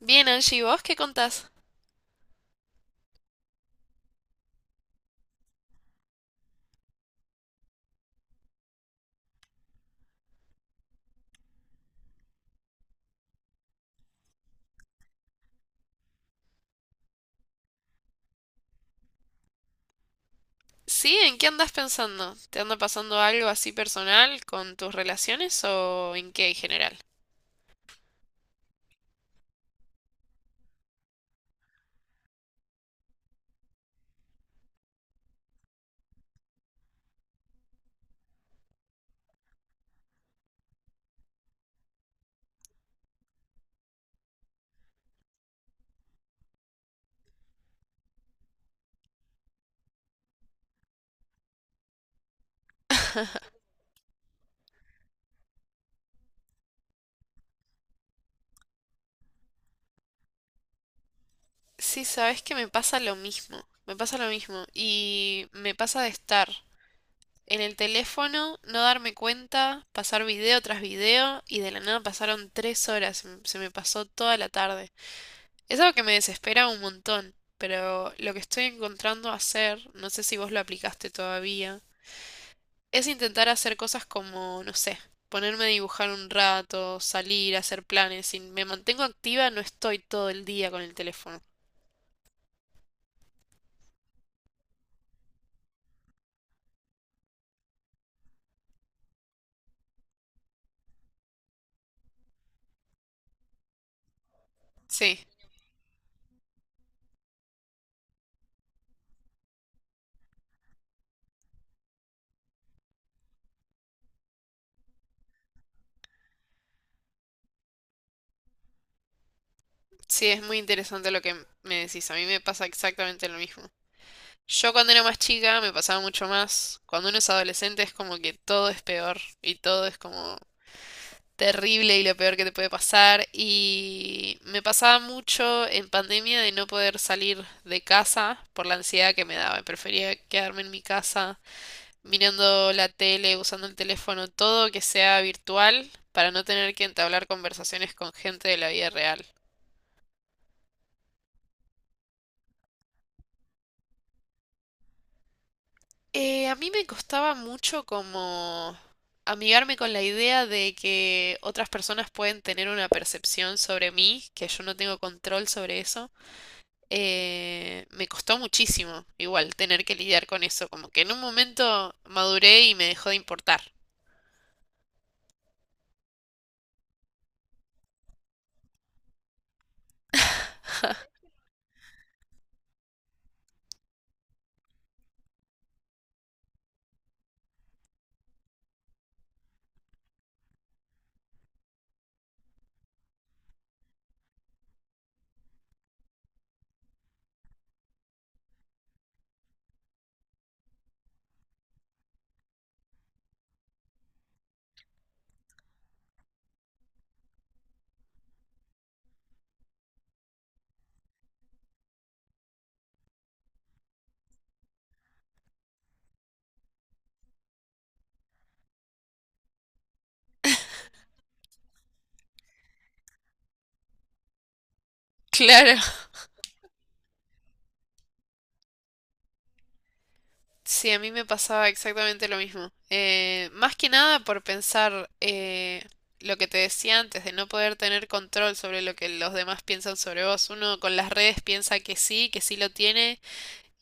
Bien, Angie, ¿y vos qué contás? Sí, ¿en qué andás pensando? ¿Te anda pasando algo así personal con tus relaciones o en qué en general? Sí, sabes que me pasa lo mismo, me pasa lo mismo y me pasa de estar en el teléfono, no darme cuenta, pasar video tras video y de la nada pasaron tres horas, se me pasó toda la tarde. Es algo que me desespera un montón, pero lo que estoy encontrando hacer, no sé si vos lo aplicaste todavía es intentar hacer cosas como, no sé, ponerme a dibujar un rato, salir, hacer planes. Si me mantengo activa, no estoy todo el día con el teléfono. Sí, sí, es muy interesante lo que me decís. A mí me pasa exactamente lo mismo. Yo cuando era más chica me pasaba mucho más. Cuando uno es adolescente es como que todo es peor y todo es como terrible y lo peor que te puede pasar. Y me pasaba mucho en pandemia de no poder salir de casa por la ansiedad que me daba. Prefería quedarme en mi casa mirando la tele, usando el teléfono, todo que sea virtual para no tener que entablar conversaciones con gente de la vida real. A mí me costaba mucho como amigarme con la idea de que otras personas pueden tener una percepción sobre mí, que yo no tengo control sobre eso. Me costó muchísimo igual tener que lidiar con eso, como que en un momento maduré y me dejó de importar. Claro. Sí, a mí me pasaba exactamente lo mismo. Más que nada por pensar lo que te decía antes, de no poder tener control sobre lo que los demás piensan sobre vos. Uno con las redes piensa que sí lo tiene,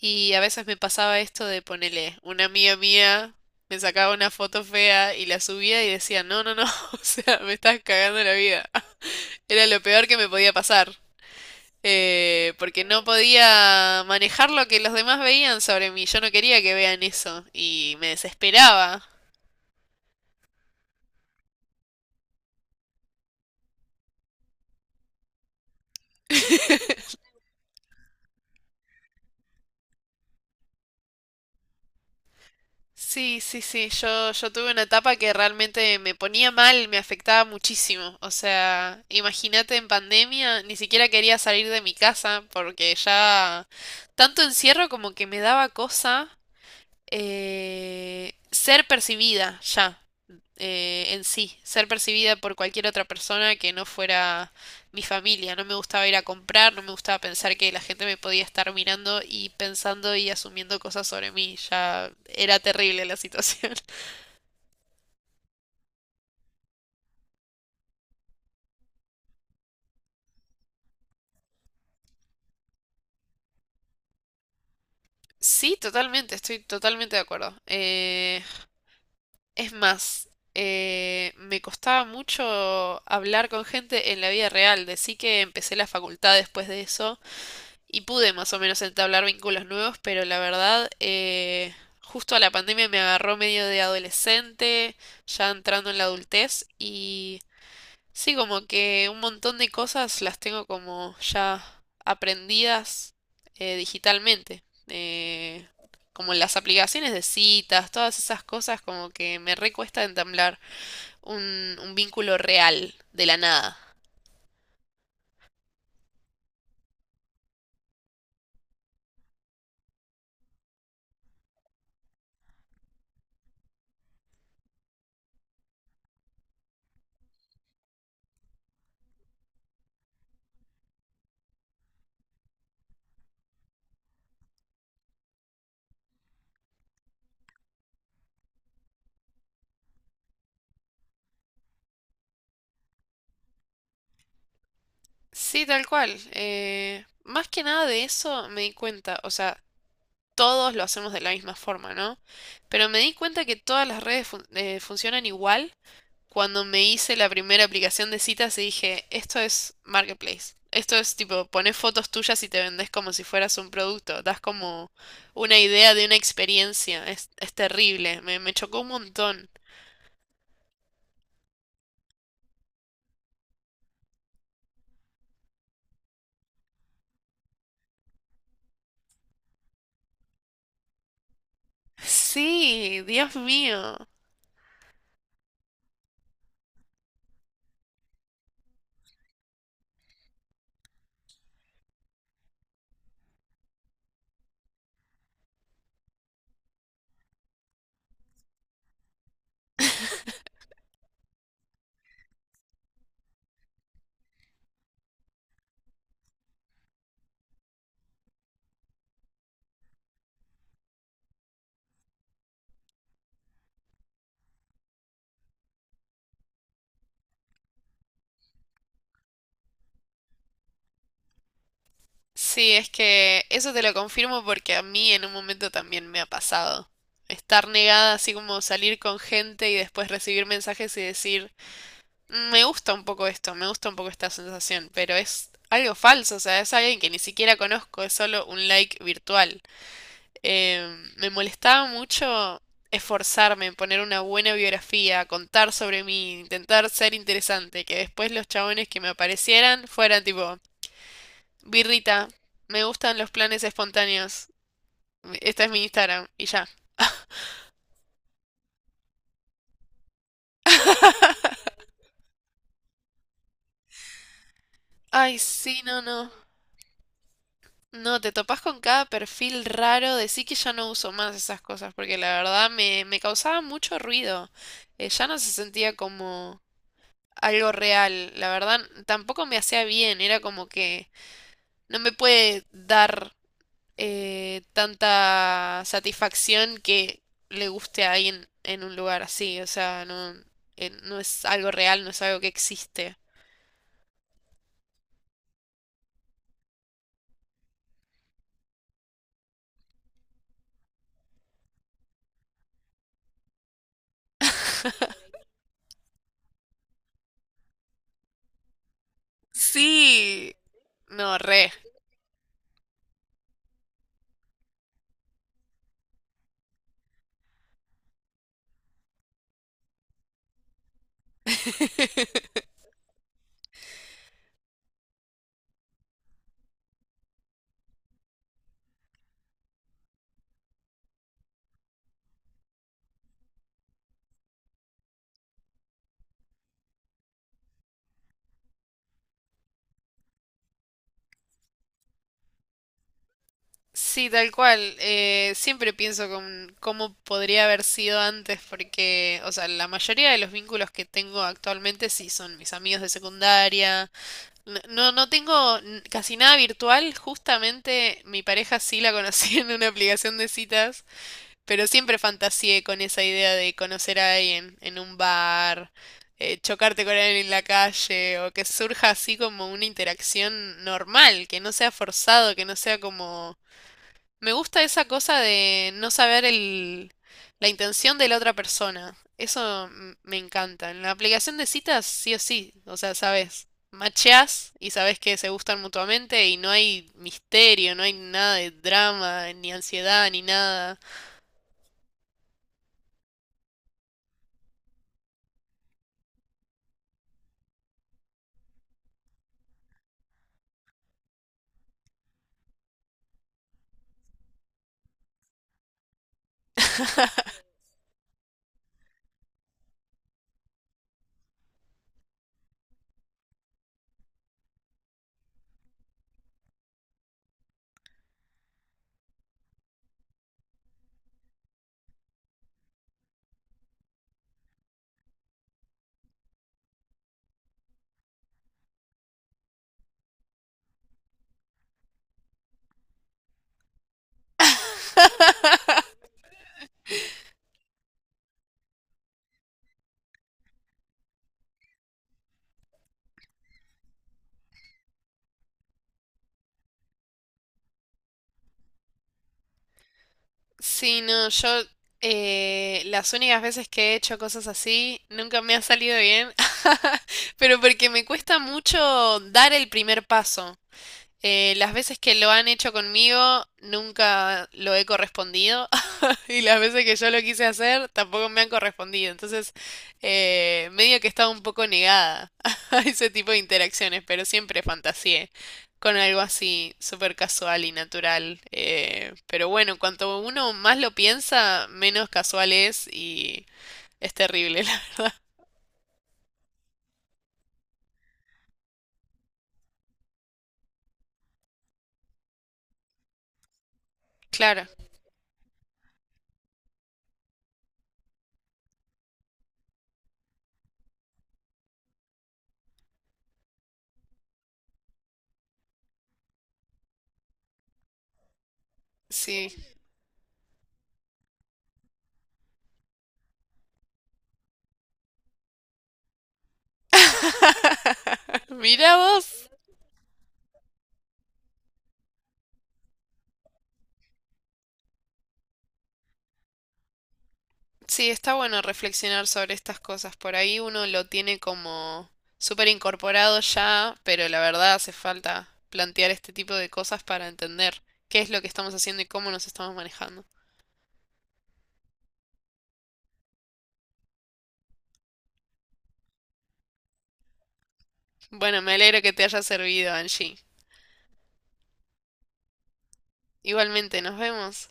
y a veces me pasaba esto de ponerle una amiga mía me sacaba una foto fea y la subía y decía, no, no, no, o sea, me estás cagando la vida. Era lo peor que me podía pasar porque no podía manejar lo que los demás veían sobre mí. Yo no quería que vean eso y me desesperaba. Sí, sí, sí, yo tuve una etapa que realmente me ponía mal, me afectaba muchísimo. O sea, imagínate en pandemia, ni siquiera quería salir de mi casa porque ya tanto encierro como que me daba cosa ser percibida ya. En sí, ser percibida por cualquier otra persona que no fuera mi familia. No me gustaba ir a comprar, no me gustaba pensar que la gente me podía estar mirando y pensando y asumiendo cosas sobre mí. Ya era terrible la situación. Sí, totalmente, estoy totalmente de acuerdo. Es más, me costaba mucho hablar con gente en la vida real. Decí que empecé la facultad después de eso y pude más o menos entablar vínculos nuevos, pero la verdad, justo a la pandemia me agarró medio de adolescente, ya entrando en la adultez, y sí, como que un montón de cosas las tengo como ya aprendidas digitalmente. Como las aplicaciones de citas, todas esas cosas, como que me recuesta entablar un vínculo real de la nada. Sí, tal cual. Más que nada de eso me di cuenta, o sea, todos lo hacemos de la misma forma, ¿no? Pero me di cuenta que todas las redes funcionan igual cuando me hice la primera aplicación de citas y dije, esto es marketplace. Esto es tipo, pones fotos tuyas y te vendes como si fueras un producto. Das como una idea de una experiencia. Es terrible. Me chocó un montón. Sí, Dios mío. Sí, es que eso te lo confirmo porque a mí en un momento también me ha pasado. Estar negada, así como salir con gente y después recibir mensajes y decir, "Mm, me gusta un poco esto, me gusta un poco esta sensación, pero es algo falso, o sea, es alguien que ni siquiera conozco, es solo un like virtual. Me molestaba mucho esforzarme en poner una buena biografía, contar sobre mí, intentar ser interesante, que después los chabones que me aparecieran fueran tipo, Birrita, me gustan los planes espontáneos. Esta es mi Instagram. Y ya. Ay, sí, no, no. No, te topás con cada perfil raro. Decí que ya no uso más esas cosas porque la verdad me causaba mucho ruido. Ya no se sentía como algo real. La verdad, tampoco me hacía bien. Era como que no me puede dar tanta satisfacción que le guste a alguien en un lugar así. O sea, no, no es algo real, no es algo que existe. Sí, no, re. Sí, tal cual. Siempre pienso con cómo podría haber sido antes, porque, o sea, la mayoría de los vínculos que tengo actualmente sí son mis amigos de secundaria. No, no, casi nada virtual. Justamente mi pareja sí la conocí en una aplicación de citas. Pero siempre fantaseé con esa idea de conocer a alguien en un bar, chocarte con alguien en la calle, o que surja así como una interacción normal, que no sea forzado, que no sea como... Me gusta esa cosa de no saber la intención de la otra persona. Me encanta. En la aplicación de citas, sí o sí, o sea, sabes, macheás y sabes que se gustan mutuamente y no hay misterio, no hay nada de drama, ni ansiedad, ni nada. Sí, no, yo, las únicas veces que he hecho cosas así nunca me ha salido bien, pero porque me cuesta mucho dar el primer paso. Las veces que lo han hecho conmigo nunca lo he correspondido, y las veces que yo lo quise hacer tampoco me han correspondido. Entonces, medio que estaba un poco negada a ese tipo de interacciones, pero siempre fantaseé con algo así súper casual y natural. Pero bueno, cuanto uno más lo piensa, menos casual es y es terrible. Claro, sí. Mira vos. Sí, está bueno reflexionar sobre estas cosas. Por ahí uno lo tiene como súper incorporado ya, pero la verdad hace falta plantear este tipo de cosas para entender qué es lo que estamos haciendo y cómo nos estamos manejando. Bueno, me alegro que te haya servido, Angie. Igualmente, nos vemos.